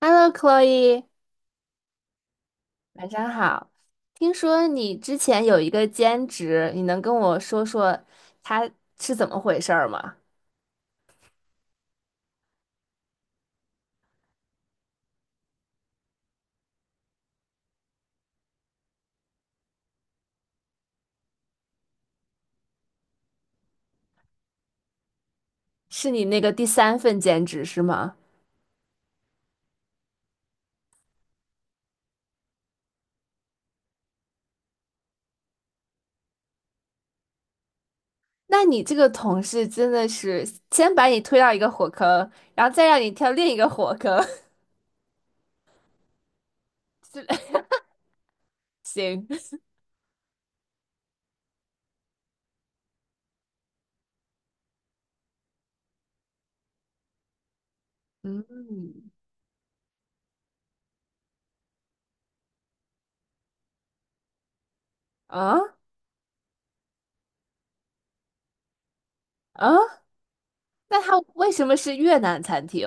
Hello，Chloe，晚上好。听说你之前有一个兼职，你能跟我说说它是怎么回事儿吗？是你那个第三份兼职是吗？那你这个同事真的是先把你推到一个火坑，然后再让你跳另一个火坑。行。嗯。啊啊，那他为什么是越南餐厅？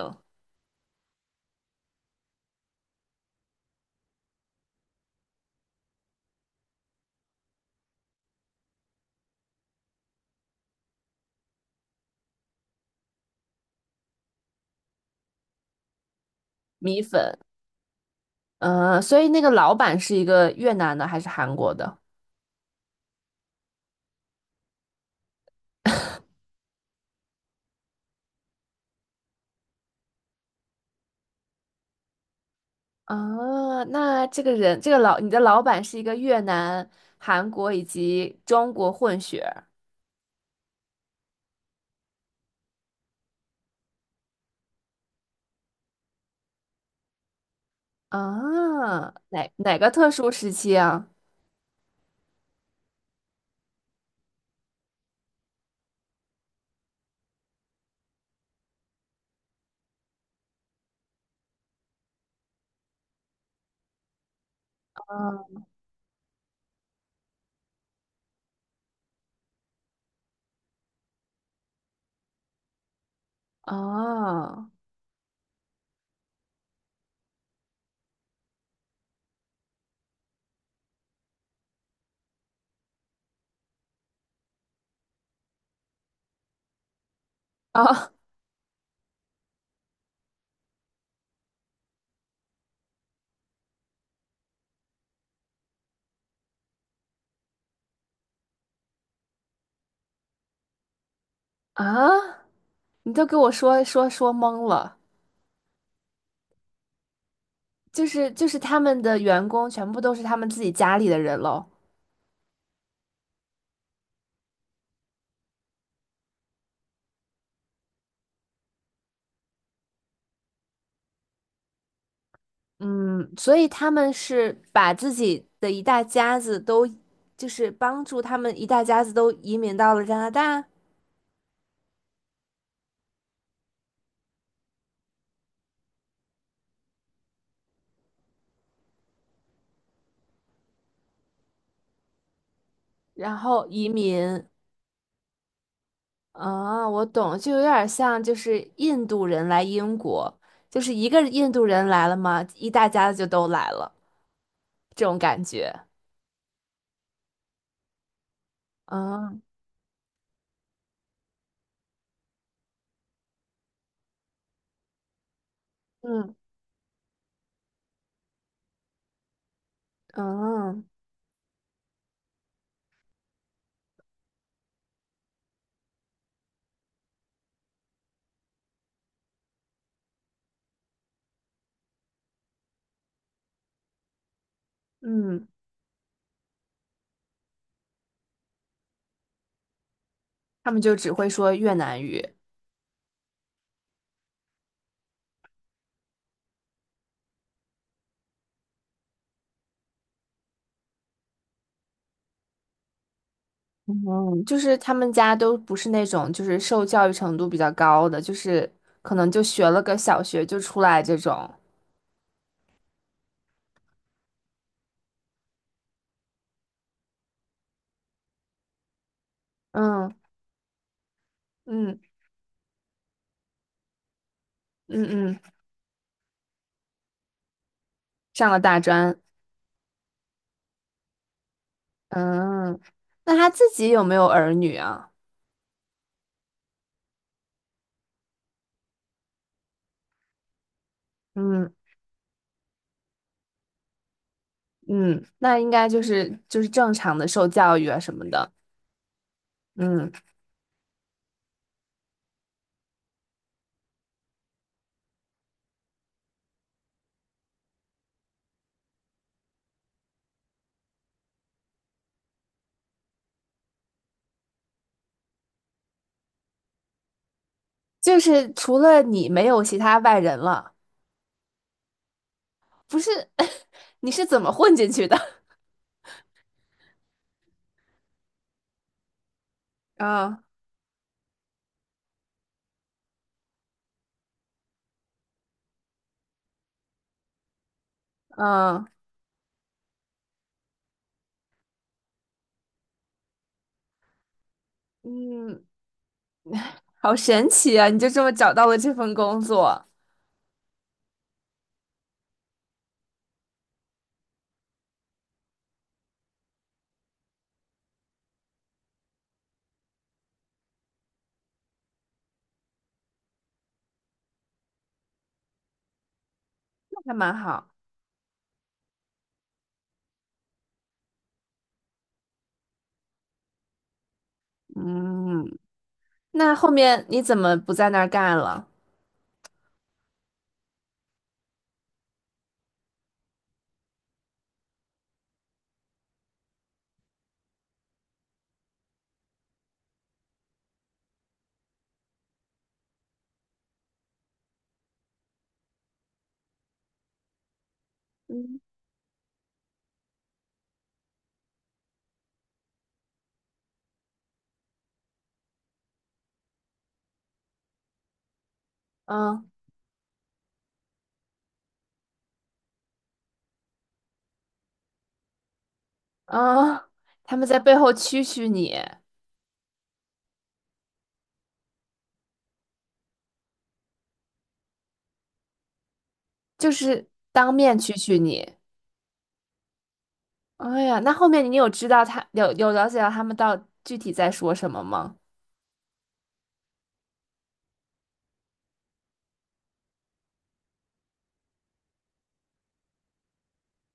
米粉。嗯，所以那个老板是一个越南的还是韩国的？啊，那这个人，这个老，你的老板是一个越南、韩国以及中国混血啊？哦，哪个特殊时期啊？啊啊啊！你都给我说懵了。就是他们的员工全部都是他们自己家里的人喽。嗯，所以他们是把自己的一大家子都，就是帮助他们一大家子都移民到了加拿大。然后移民。啊，我懂，就有点像就是印度人来英国，就是一个印度人来了嘛，一大家子就都来了，这种感觉。啊。嗯。嗯。嗯，他们就只会说越南语。嗯，就是他们家都不是那种就是受教育程度比较高的，就是可能就学了个小学就出来这种。嗯。嗯。嗯。嗯，上了大专。嗯，那他自己有没有儿女啊？嗯。嗯，那应该就是就是正常的受教育啊什么的。嗯，就是除了你没有其他外人了，不是？你是怎么混进去的？啊。嗯。嗯，好神奇啊！你就这么找到了这份工作。那还蛮好。嗯，那后面你怎么不在那儿干了？嗯。嗯。嗯，他们在背后蛐蛐你。就是当面蛐蛐你。哎呀，那后面你有知道他有了解到他们到具体在说什么吗？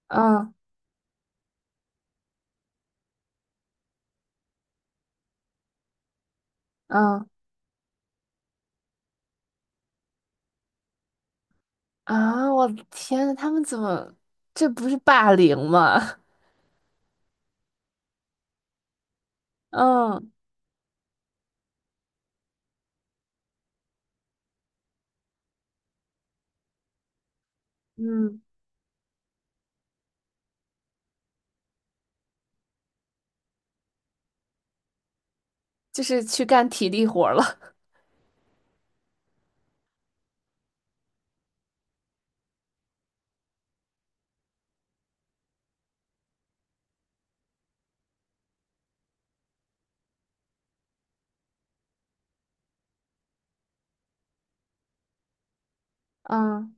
嗯。嗯。啊，我的天呐，他们怎么这不是霸凌吗？嗯。嗯，就是去干体力活儿了。嗯。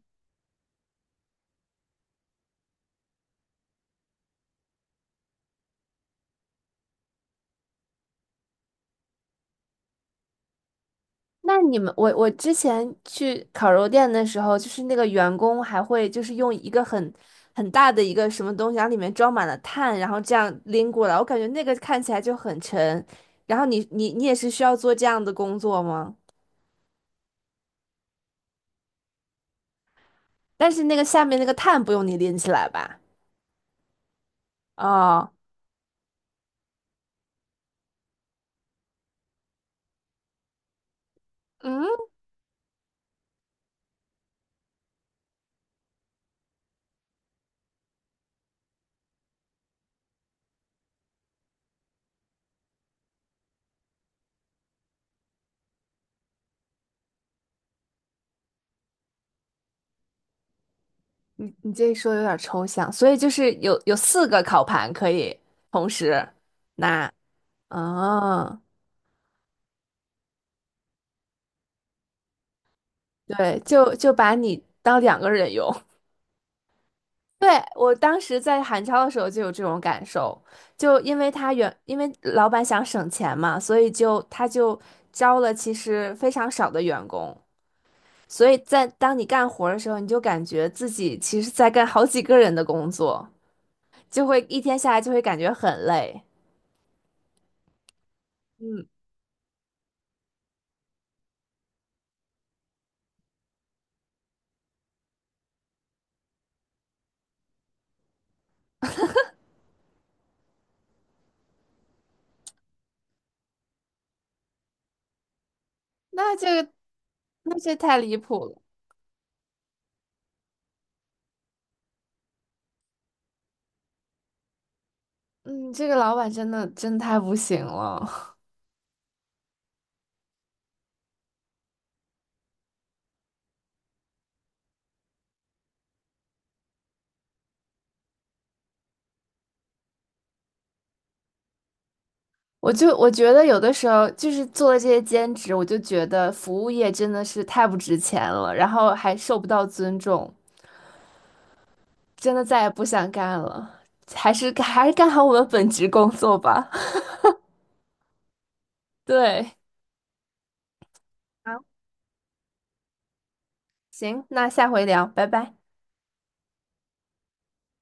那你们，我之前去烤肉店的时候，就是那个员工还会就是用一个很大的一个什么东西，然后里面装满了碳，然后这样拎过来，我感觉那个看起来就很沉。然后你也是需要做这样的工作吗？但是那个下面那个碳不用你拎起来吧？哦。嗯，你这一说有点抽象，所以就是有四个烤盘可以同时拿。哦。对，就就把你当两个人用。对，我当时在韩超的时候就有这种感受，就因为他因为老板想省钱嘛，所以就他就招了其实非常少的员工，所以在当你干活儿的时候，你就感觉自己其实在干好几个人的工作。就会一天下来就会感觉很累。嗯，那这个，那这太离谱了。嗯，这个老板真的真太不行了。我觉得有的时候就是做了这些兼职，我就觉得服务业真的是太不值钱了，然后还受不到尊重，真的再也不想干了。还是干好我们本职工作吧。对。好。行，那下回聊，拜拜。